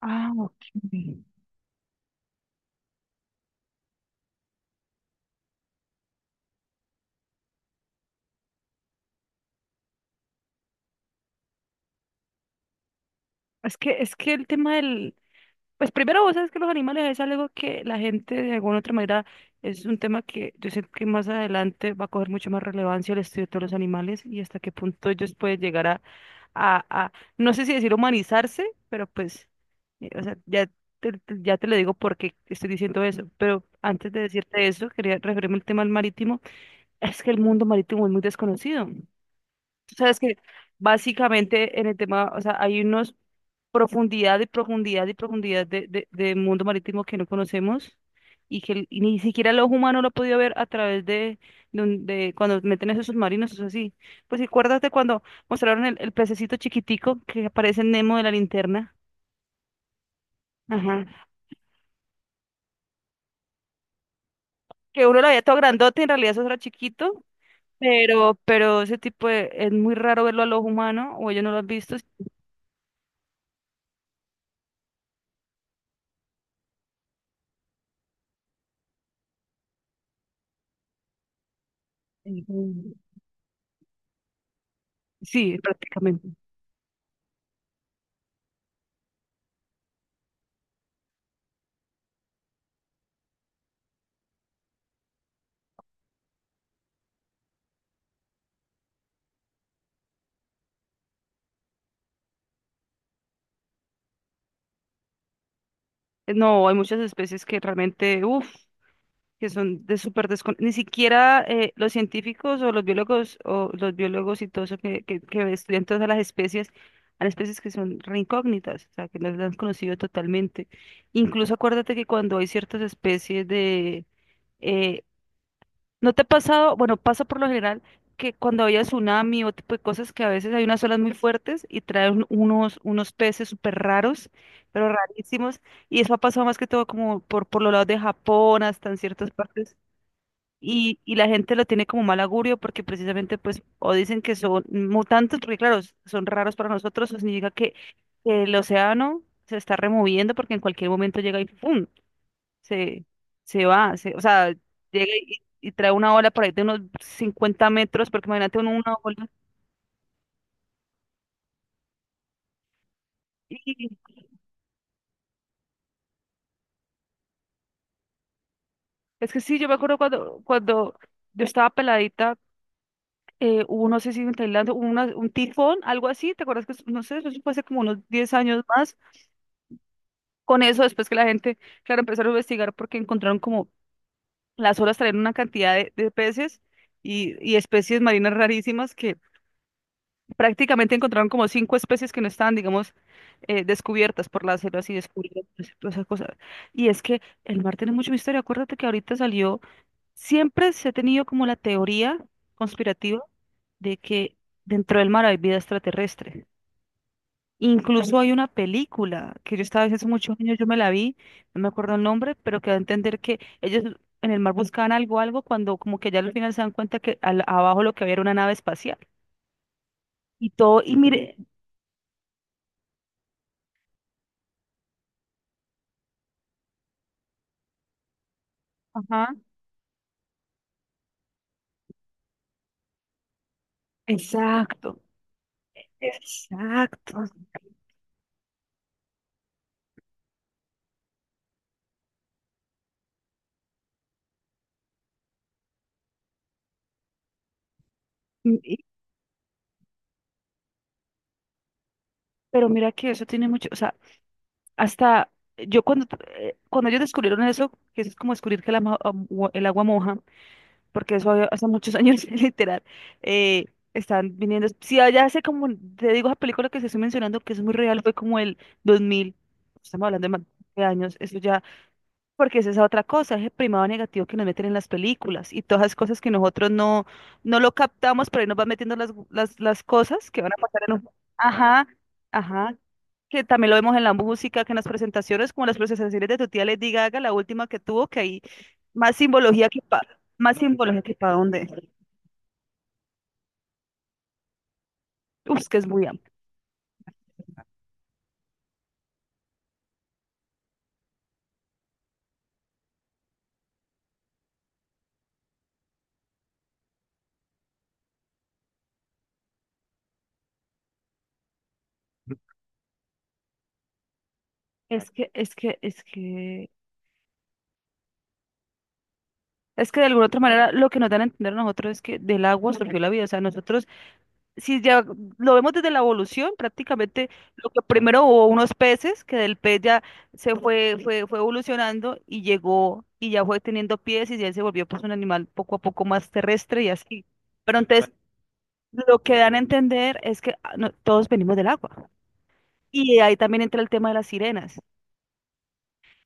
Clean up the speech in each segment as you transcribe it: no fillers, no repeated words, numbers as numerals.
Ah, ok. Es que el tema del pues primero vos sabes que los animales es algo que la gente de alguna otra manera es un tema que yo sé que más adelante va a coger mucho más relevancia el estudio de todos los animales y hasta qué punto ellos pueden llegar a no sé si decir humanizarse, pero pues, o sea, ya ya te lo digo porque estoy diciendo eso, pero antes de decirte eso, quería referirme al tema del marítimo, es que el mundo marítimo es muy desconocido. Tú sabes que básicamente en el tema, o sea, hay unos profundidad y profundidad y profundidad de mundo marítimo que no conocemos y que y ni siquiera el ojo humano lo ha podido ver a través de cuando meten esos submarinos, eso así. Pues acuérdate cuando mostraron el pececito chiquitico que aparece en Nemo de la linterna. Ajá. Que uno lo veía todo grandote, en realidad eso era chiquito, pero ese tipo es muy raro verlo al ojo humano o ellos no lo han visto. Ujú. Sí, prácticamente. No, hay muchas especies que realmente, uff, que son de súper descon... Ni siquiera los científicos o los biólogos y todo eso que estudian todas las especies, hay especies que son re incógnitas, o sea, que no las han conocido totalmente. Incluso acuérdate que cuando hay ciertas especies de... eh, ¿no te ha pasado? Bueno, pasa por lo general que cuando había tsunami o tipo de cosas que a veces hay unas olas muy fuertes y traen unos peces súper raros, pero rarísimos, y eso ha pasado más que todo como por los lados de Japón, hasta en ciertas partes y la gente lo tiene como mal augurio porque precisamente pues o dicen que son mutantes, porque claro, son raros para nosotros, eso significa que el océano se está removiendo porque en cualquier momento llega y ¡pum! se, o sea, llega y trae una ola por ahí de unos 50 metros, porque imagínate una ola. Y es que sí, yo me acuerdo cuando yo estaba peladita, hubo, no sé si en Tailandia, hubo un tifón, algo así, ¿te acuerdas que, no sé, eso fue hace como unos 10 años más? Con eso, después que la gente, claro, empezaron a investigar porque encontraron como las olas traían una cantidad de peces y especies marinas rarísimas que prácticamente encontraron como 5 especies que no estaban, digamos, descubiertas por las olas y descubrieron pues, todas esas cosas. Y es que el mar tiene mucho misterio. Acuérdate que ahorita salió, siempre se ha tenido como la teoría conspirativa de que dentro del mar hay vida extraterrestre. Incluso hay una película que yo estaba hace muchos años, yo me la vi, no me acuerdo el nombre, pero que da a entender que ellos en el mar buscaban algo, algo, cuando como que ya al final se dan cuenta que abajo lo que había era una nave espacial. Y todo, y mire, ajá, exacto, exacto. Y- y- pero mira que eso tiene mucho, o sea, hasta yo cuando ellos descubrieron eso, que eso es como descubrir que el ama- am- ua- el agua, moja porque hace muchos años, literal, eh, están viniendo. Si allá hace como, te digo, esa película que se estoy mencionando, que es muy real, fue como el 2000, estamos hablando de más de años, eso ya, porque es esa otra cosa, ese primado negativo que nos meten en las películas y todas esas cosas que nosotros no lo captamos, pero ahí nos van metiendo las cosas que van a pasar en un... Ajá, ajá, que también lo vemos en la música, que en las presentaciones, como las presentaciones de tu tía Lady Gaga, la última que tuvo, que hay más simbología que para, más simbología que para dónde. Uf, es que es muy amplio. Es que, es que, es que, es que de alguna otra manera lo que nos dan a entender a nosotros es que del agua surgió la vida. O sea, nosotros si ya lo vemos desde la evolución, prácticamente lo que primero hubo unos peces, que del pez ya fue evolucionando y llegó y ya fue teniendo pies y ya se volvió pues un animal poco a poco más terrestre y así. Pero entonces lo que dan a entender es que ah, todos venimos del agua. Y ahí también entra el tema de las sirenas.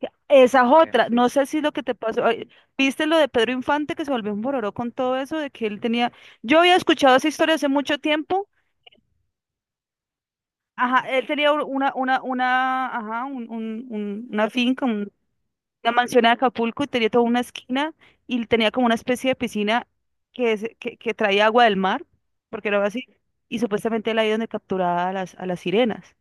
Que esa es otra, no sé si lo que te pasó, ay, viste lo de Pedro Infante que se volvió un bororó con todo eso, de que él tenía, yo había escuchado esa historia hace mucho tiempo. Ajá, él tenía un- una, ajá, un- una finca, una mansión en Acapulco y tenía toda una esquina y tenía como una especie de piscina que traía agua del mar, porque era así, y supuestamente él ahí donde capturaba a las sirenas.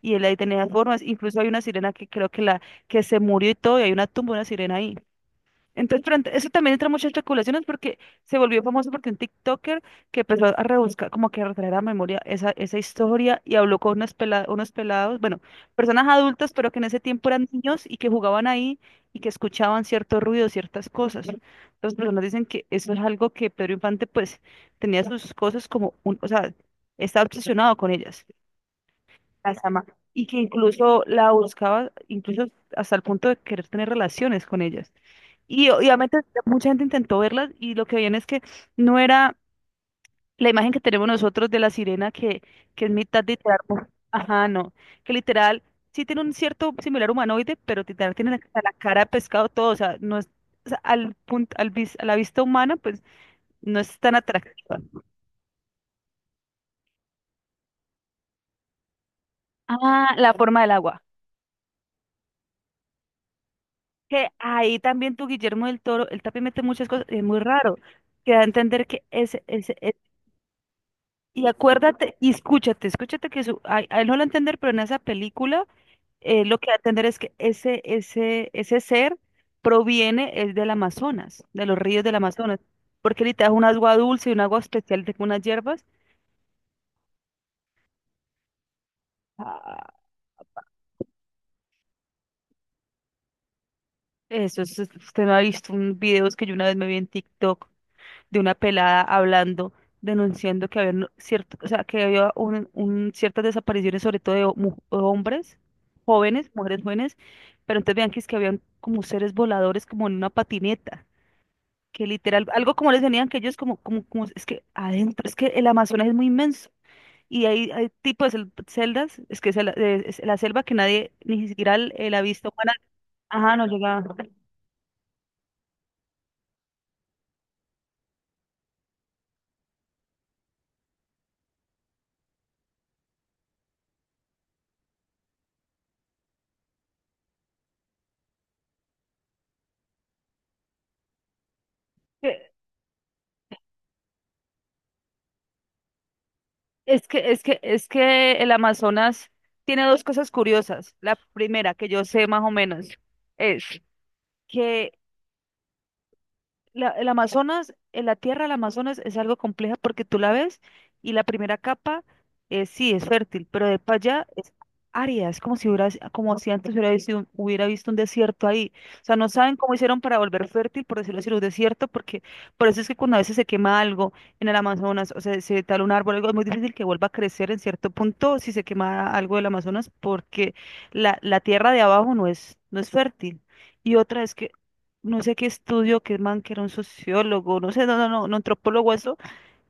Y él ahí tenía las formas, incluso hay una sirena que creo que la que se murió y todo, y hay una tumba de una sirena ahí. Entonces, pero eso también entra muchas especulaciones porque se volvió famoso porque un TikToker que empezó a rebuscar, como que a retraer a memoria esa historia y habló con unos, unos pelados, bueno, personas adultas, pero que en ese tiempo eran niños y que jugaban ahí y que escuchaban cierto ruido, ciertas cosas. Las personas dicen que eso es algo que Pedro Infante, pues, tenía sus cosas como un, o sea, estaba obsesionado con ellas, las ama, y que incluso la buscaba, incluso hasta el punto de querer tener relaciones con ellas. Y obviamente mucha gente intentó verlas y lo que veían es que no era la imagen que tenemos nosotros de la sirena que es mitad literal. Mo- ajá, no. Que literal sí tiene un cierto similar humanoide, pero literal tiene la cara de pescado todo. O sea, no es, o sea, al punto, a la vista humana, pues no es tan atractiva. Ah, la forma del agua. Que ahí también tu Guillermo del Toro, él también mete muchas cosas, es muy raro, que da a entender que es, y acuérdate, y escúchate, escúchate que su, a él no lo va a entender, pero en esa película lo que va a entender es que ese ser proviene es del Amazonas, de los ríos del Amazonas, porque él te da un agua dulce y un agua especial de unas hierbas. Ah, eso es- usted me ha visto un videos que yo una vez me vi en TikTok, de una pelada hablando, denunciando que había cierto, o sea, que había ciertas desapariciones, sobre todo de hombres jóvenes, mujeres jóvenes, pero entonces vean que es que habían como seres voladores como en una patineta, que literal, algo como les venían que ellos como, es que adentro, es que el Amazonas es muy inmenso. Y hay tipos de celdas, es que es la selva que nadie, ni siquiera la vista humana, ajá, no llega. Es que el Amazonas tiene dos cosas curiosas. La primera, que yo sé más o menos, es que el Amazonas, la tierra del Amazonas es algo compleja porque tú la ves y la primera capa sí es fértil, pero de para allá es árida, es como si hubiera, como si antes hubiera visto, hubiera visto un desierto ahí. O sea, no saben cómo hicieron para volver fértil, por decirlo así, un desierto, porque por eso es que cuando a veces se quema algo en el Amazonas, o sea, se tal un árbol, algo, es muy difícil que vuelva a crecer en cierto punto si se quema algo del Amazonas, porque la tierra de abajo no es, no es fértil. Y otra es que no sé qué estudio, que el man, que era un sociólogo, no sé, no, un antropólogo, eso,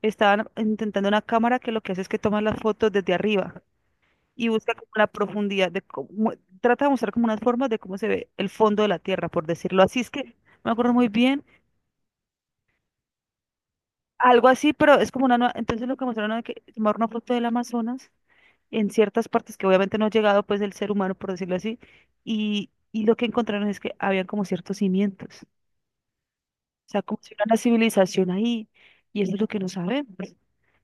estaban intentando una cámara que lo que hace es que toma las fotos desde arriba y busca como la profundidad de cómo, trata de mostrar como unas formas de cómo se ve el fondo de la Tierra, por decirlo así, es que no me acuerdo muy bien, algo así, pero es como una nueva, entonces lo que mostraron es que tomar una foto del Amazonas en ciertas partes que obviamente no ha llegado pues el ser humano, por decirlo así, y lo que encontraron es que habían como ciertos cimientos. O sea, como si hubiera una civilización ahí, y eso es lo que no sabemos.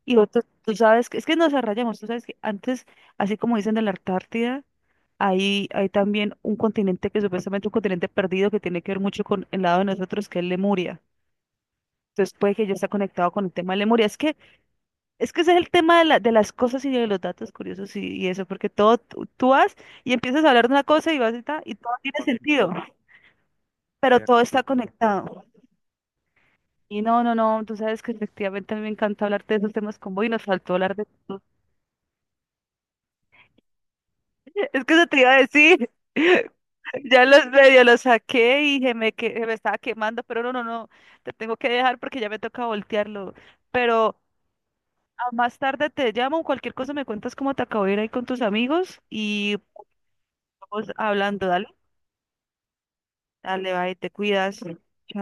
Y otros, tú sabes que, es que nos arrayamos, tú sabes que antes, así como dicen de la Antártida, hay también un continente que supuestamente un continente perdido que tiene que ver mucho con el lado de nosotros, que es Lemuria. Entonces puede que ya está conectado con el tema de Lemuria. Es que ese es el tema de, de las cosas y de los datos curiosos y eso, porque todo, tú vas y empiezas a hablar de una cosa y vas y, ta, y todo tiene sentido, pero eh, todo está conectado. Y no, tú sabes que efectivamente a mí me encanta hablar de esos temas con vos y nos faltó hablar de... Es que eso te iba a decir. Ya los medio los saqué y se me, que, se me estaba quemando, pero no, te tengo que dejar porque ya me toca voltearlo. Pero a más tarde te llamo, cualquier cosa me cuentas cómo te acabó de ir ahí con tus amigos y vamos hablando, dale, dale, bye, te cuidas.